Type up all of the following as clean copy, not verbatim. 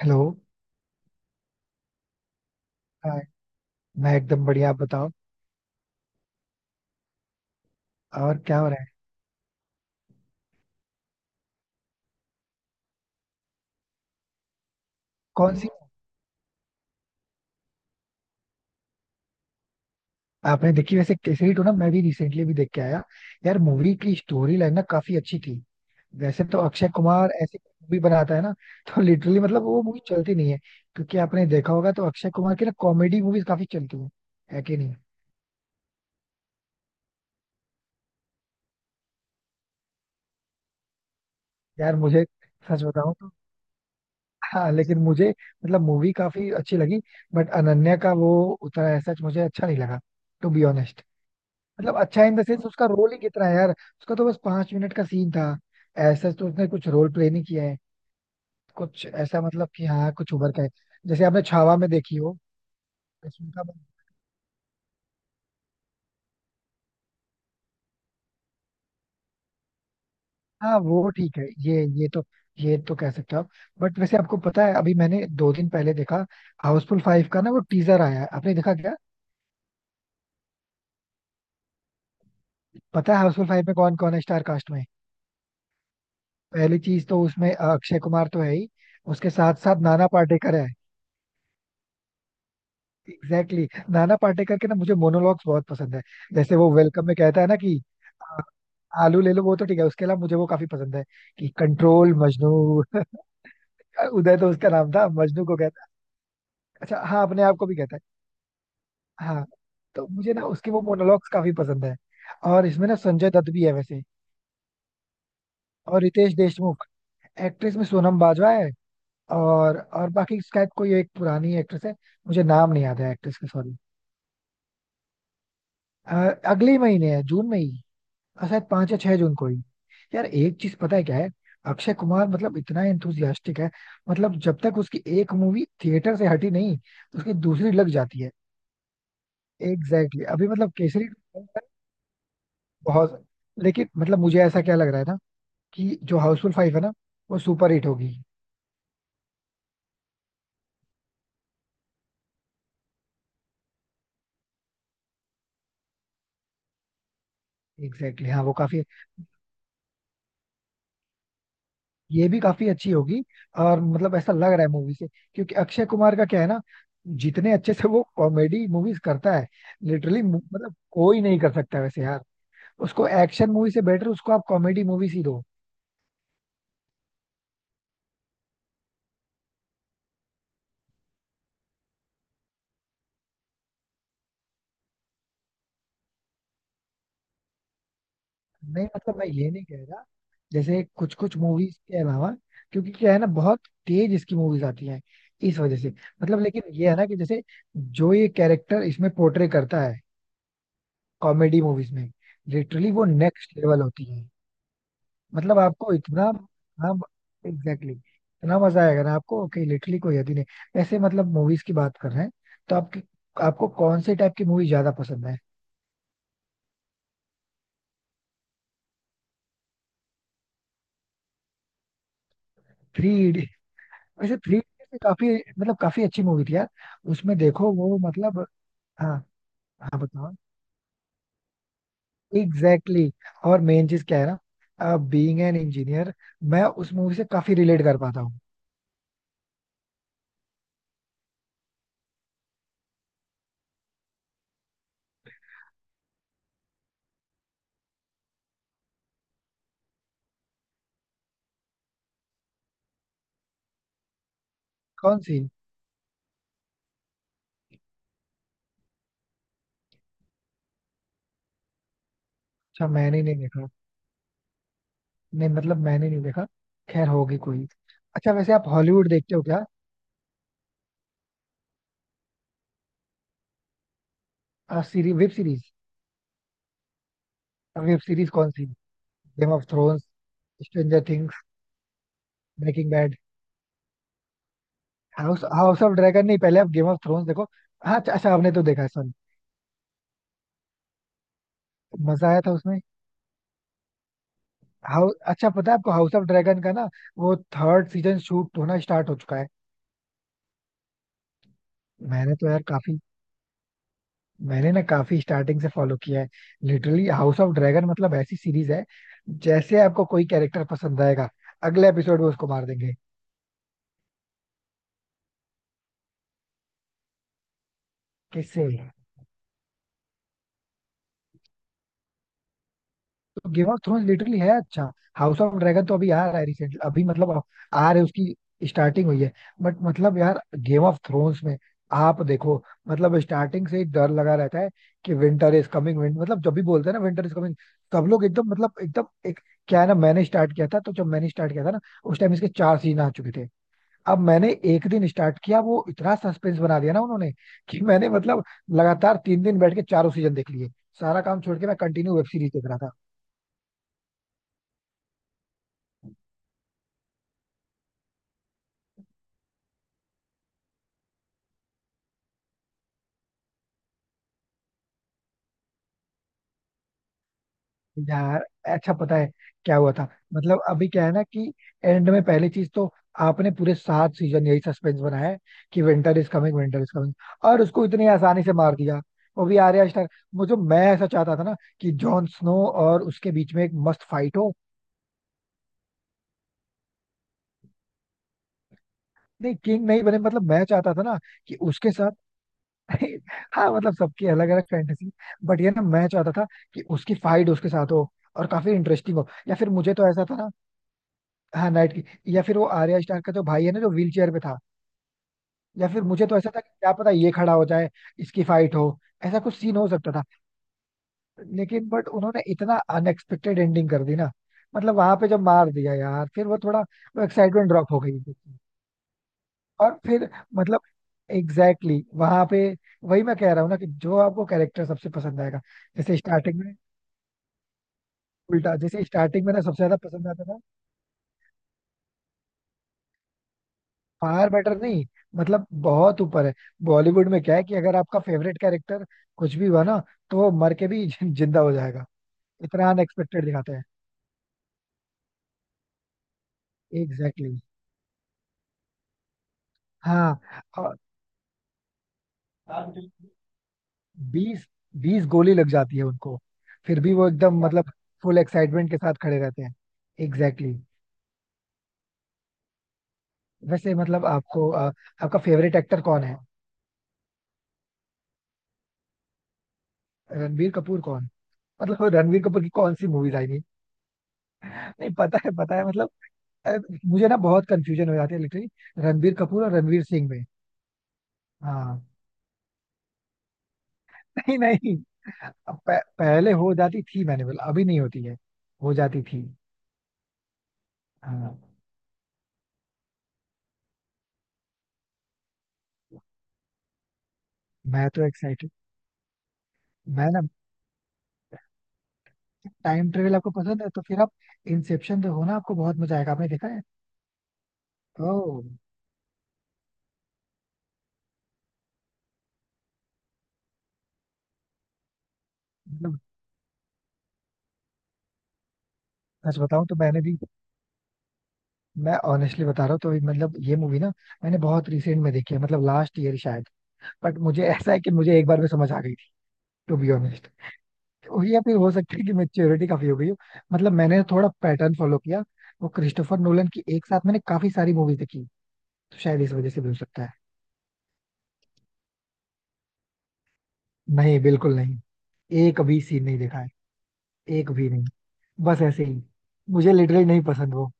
Hello. Hi. मैं एकदम बढ़िया. आप बताओ. और क्या हो रहा है? कौन सी? आपने देखी वैसे केसरी टू? ना, मैं भी रिसेंटली भी देख के आया. यार, मूवी की स्टोरी लाइन ना काफी अच्छी थी. वैसे तो अक्षय कुमार ऐसी मूवी बनाता है ना. तो लिटरली मतलब वो मूवी चलती नहीं है. क्योंकि आपने देखा होगा तो अक्षय कुमार की ना कॉमेडी मूवीज काफी चलती हैं. है कि नहीं? यार, मुझे सच बताऊं तो, हाँ, लेकिन मुझे मतलब मूवी काफी अच्छी लगी. बट अनन्या का वो उतना ऐसा मुझे अच्छा नहीं लगा, टू बी ऑनेस्ट. मतलब अच्छा इन द सेंस, उसका रोल ही कितना है यार. उसका तो बस 5 मिनट का सीन था. ऐसा तो उसने कुछ रोल प्ले नहीं किया है. कुछ ऐसा मतलब कि हाँ, कुछ उभर का है, जैसे आपने छावा में देखी हो. उसमें का. हाँ वो ठीक है. ये तो कह सकते हो आप. बट वैसे आपको पता है, अभी मैंने 2 दिन पहले देखा हाउसफुल फाइव का ना, वो टीजर आया है, आपने देखा क्या? पता है हाउसफुल फाइव में कौन कौन है स्टार कास्ट में? पहली चीज तो उसमें अक्षय कुमार तो है ही. उसके साथ साथ नाना पाटेकर है. Exactly exactly. नाना पाटेकर के ना मुझे मोनोलॉग्स बहुत पसंद है. जैसे वो वेलकम में कहता है ना कि आ, आलू ले लो. वो तो ठीक है, उसके अलावा मुझे वो काफी पसंद है. कि कंट्रोल मजनू. उदय तो उसका नाम था, मजनू को कहता है. अच्छा, हाँ, अपने आप को भी कहता है. हाँ, तो मुझे ना उसके वो मोनोलॉग्स काफी पसंद है. और इसमें ना संजय दत्त भी है वैसे. और रितेश देशमुख. एक्ट्रेस में सोनम बाजवा है. और बाकी शायद कोई एक पुरानी एक्ट्रेस है, मुझे नाम नहीं याद है एक्ट्रेस का, सॉरी. अगले ही महीने है, जून में ही. और शायद 5 या 6 जून को ही. यार, एक चीज पता है क्या है? अक्षय कुमार मतलब इतना एंथुजियास्टिक है, मतलब जब तक उसकी एक मूवी थिएटर से हटी नहीं, उसकी दूसरी लग जाती है. Exactly exactly. अभी मतलब केसरी टू. बहुत. लेकिन मतलब मुझे ऐसा क्या लग रहा है ना, कि जो हाउसफुल फाइव है ना, वो सुपर हिट होगी. एग्जैक्टली exactly, हाँ, वो काफी. ये भी काफी अच्छी होगी और मतलब ऐसा लग रहा है मूवी से. क्योंकि अक्षय कुमार का क्या है ना, जितने अच्छे से वो कॉमेडी मूवीज करता है, लिटरली मतलब कोई नहीं कर सकता वैसे यार. उसको एक्शन मूवी से बेटर उसको आप कॉमेडी मूवीज ही दो. नहीं मतलब मैं ये नहीं कह रहा, जैसे कुछ कुछ मूवीज के अलावा. क्योंकि क्या है ना, बहुत तेज इसकी मूवीज आती हैं, इस वजह से. मतलब लेकिन ये है ना कि जैसे, जो ये कैरेक्टर इसमें पोर्ट्रे करता है कॉमेडी मूवीज में, लिटरली वो नेक्स्ट लेवल होती है. मतलब आपको इतना, हाँ, एग्जैक्टली इतना मजा आएगा ना आपको कि लिटरली कोई हद ही नहीं, ऐसे मतलब मूवीज की बात कर रहे हैं. तो आपकी, आपको कौन से टाइप की मूवी ज्यादा पसंद है? थ्री. वैसे थ्री इडियट्स काफी, मतलब काफी अच्छी मूवी थी यार. उसमें देखो वो मतलब, हाँ, हाँ बताओ. Exactly exactly. और मेन चीज क्या है ना, बीइंग एन इंजीनियर, मैं उस मूवी से काफी रिलेट कर पाता हूँ. कौन सी? अच्छा, मैंने नहीं देखा. नहीं मतलब मैंने नहीं देखा, खैर होगी कोई. अच्छा, वैसे आप हॉलीवुड देखते हो क्या? Web series. वेब सीरीज कौन सी? Game of Thrones. Stranger Things. Breaking Bad. House House of Dragon नहीं, पहले आप गेम ऑफ थ्रोन्स देखो. हाँ, अच्छा अच्छा, आपने तो देखा है, सॉरी. मजा आया था उसमें? हाउ, अच्छा, पता है आपको हाउस ऑफ ड्रैगन का ना, वो थर्ड सीजन शूट होना स्टार्ट हो चुका है. मैंने तो यार काफी, मैंने ना काफी स्टार्टिंग से फॉलो किया है. लिटरली हाउस ऑफ ड्रैगन मतलब ऐसी सीरीज है, जैसे आपको कोई कैरेक्टर पसंद आएगा, अगले एपिसोड में उसको मार देंगे. किससे? गेम ऑफ थ्रोन्स लिटरली है अच्छा. हाउस ऑफ ड्रैगन तो अभी आ रहा है, रिसेंटली अभी मतलब आ आ रहे उसकी स्टार्टिंग हुई है. बट मतलब यार, गेम ऑफ थ्रोन्स में आप देखो, मतलब स्टार्टिंग से ही डर लगा रहता है कि विंटर इज कमिंग. विंट मतलब जब भी बोलते हैं ना, विंटर इज कमिंग, सब लोग एकदम मतलब एकदम एक. क्या है ना, मैंने स्टार्ट किया था, तो जब मैंने स्टार्ट किया था ना, उस टाइम इसके 4 सीजन आ चुके थे. अब मैंने एक दिन स्टार्ट किया, वो इतना सस्पेंस बना दिया ना उन्होंने, कि मैंने मतलब लगातार 3 दिन बैठ के चारों सीजन देख लिए. सारा काम छोड़ के मैं कंटिन्यू वेब सीरीज देख रहा था. यार, अच्छा पता है क्या हुआ था? मतलब अभी क्या है ना कि, एंड में पहली चीज तो, आपने पूरे 7 सीजन यही सस्पेंस बनाया है कि winter is coming, winter is coming. और उसको इतनी आसानी से मार दिया, वो भी आर्या स्टार. मुझे, मैं ऐसा चाहता था ना, कि जॉन स्नो और उसके बीच में एक मस्त फाइट हो. नहीं किंग नहीं बने, मतलब मैं चाहता था ना कि उसके साथ. हाँ, मतलब सबकी अलग अलग फैंटेसी. बट ये ना मैं चाहता था कि उसकी फाइट उसके साथ हो और काफी इंटरेस्टिंग हो, या फिर मुझे तो ऐसा था ना, हाँ नाइट की, या फिर वो आर्या स्टार का जो भाई है ना, जो व्हील चेयर पे था, या फिर मुझे तो ऐसा था कि क्या पता ये खड़ा हो जाए, इसकी फाइट हो, ऐसा कुछ सीन हो सकता था. लेकिन बट उन्होंने इतना अनएक्सपेक्टेड एंडिंग कर दी ना, मतलब वहां पे जब मार दिया यार, फिर वो थोड़ा, वो एक्साइटमेंट ड्रॉप हो गई. और फिर मतलब, एग्जैक्टली exactly, वहां पे वही मैं कह रहा हूँ ना कि जो आपको कैरेक्टर सबसे पसंद आएगा, जैसे स्टार्टिंग में, उल्टा जैसे स्टार्टिंग में ना सबसे ज्यादा पसंद आता था. फार बेटर नहीं, मतलब बहुत ऊपर है. बॉलीवुड में क्या है कि अगर आपका फेवरेट कैरेक्टर कुछ भी हुआ ना, तो वो मर के भी जिंदा हो जाएगा. इतना अनएक्सपेक्टेड दिखाते हैं. Exactly exactly. हाँ. और बीस बीस गोली लग जाती है उनको, फिर भी वो एकदम मतलब फुल एक्साइटमेंट के साथ खड़े रहते हैं. Exactly exactly. वैसे मतलब आपको आपका फेवरेट एक्टर कौन है? रणबीर कपूर कौन? मतलब रणबीर कपूर की कौन सी मूवीज आई नहीं. नहीं पता है, पता है, मतलब अ, मुझे ना बहुत कंफ्यूजन हो जाती है लिटरली. रणबीर कपूर और रणवीर सिंह में, हाँ. नहीं नहीं, अब पहले हो जाती थी, मैंने बोला अभी नहीं होती है, हो जाती थी. हाँ. मैं तो एक्साइटेड. मैं ना, टाइम ट्रेवल आपको पसंद है तो फिर आप इंसेप्शन तो हो ना, आपको बहुत मजा आएगा. आपने देखा है? ओ. मतलब सच बताऊं तो, मैंने भी, मैं ऑनेस्टली बता रहा हूँ तो मतलब ये मूवी ना, मैंने बहुत रिसेंट में देखी है मतलब, लास्ट ईयर शायद. बट मुझे ऐसा है कि मुझे एक बार में समझ आ गई थी, टू बी ऑनेस्ट. या फिर हो सकता है कि मेच्योरिटी काफी हो गई हो. मतलब मैंने थोड़ा पैटर्न फॉलो किया, वो क्रिस्टोफर नोलन की एक साथ मैंने काफी सारी मूवीज देखी, तो शायद इस वजह से भी हो सकता है. नहीं, बिल्कुल नहीं. एक भी सीन नहीं देखा है. एक भी नहीं. बस ऐसे ही. मुझे लिटरली नहीं पसंद वो.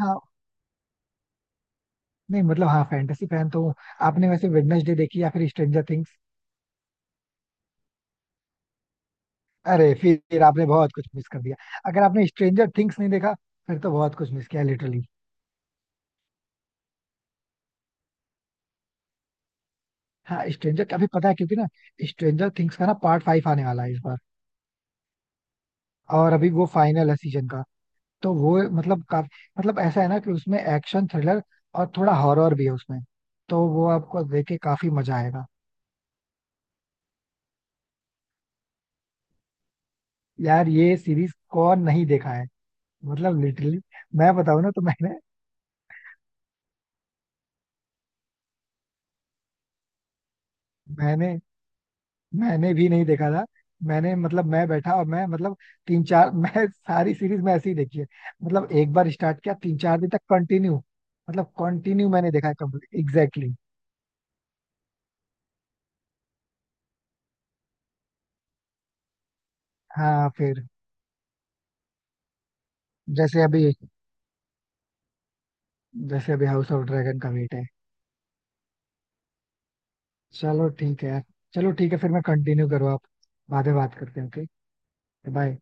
हाँ. नहीं मतलब, हाँ, फैंटेसी फैन तो हूँ. आपने वैसे वेडनेसडे देखी या फिर स्ट्रेंजर थिंग्स? अरे, फिर आपने बहुत कुछ मिस कर दिया. अगर आपने स्ट्रेंजर थिंग्स नहीं देखा, फिर तो बहुत कुछ मिस किया लिटरली. हाँ, स्ट्रेंजर अभी पता है, क्योंकि ना स्ट्रेंजर थिंग्स का ना पार्ट फाइव आने वाला है इस बार, और अभी वो फाइनल है सीजन का. तो वो मतलब काफी, मतलब ऐसा है ना कि उसमें एक्शन थ्रिलर और थोड़ा हॉरर भी है उसमें, तो वो आपको देख के काफी मजा आएगा. यार, ये सीरीज कौन नहीं देखा है, मतलब लिटरली. मैं बताऊं ना, तो मैंने मैंने मैंने भी नहीं देखा था. मैंने मतलब, मैं बैठा और मैं मतलब तीन चार, मैं सारी सीरीज मैं ऐसे ही देखी है. मतलब एक बार स्टार्ट किया, 3 4 दिन तक कंटिन्यू, मतलब कंटिन्यू मैंने देखा है कंप्लीट, एग्जैक्टली. हाँ फिर, जैसे अभी, जैसे अभी हाउस ऑफ ड्रैगन का वेट है. चलो ठीक है यार. चलो ठीक है, फिर मैं कंटिन्यू करूँ, आप बाद में बात करते हैं. ओके. बाय.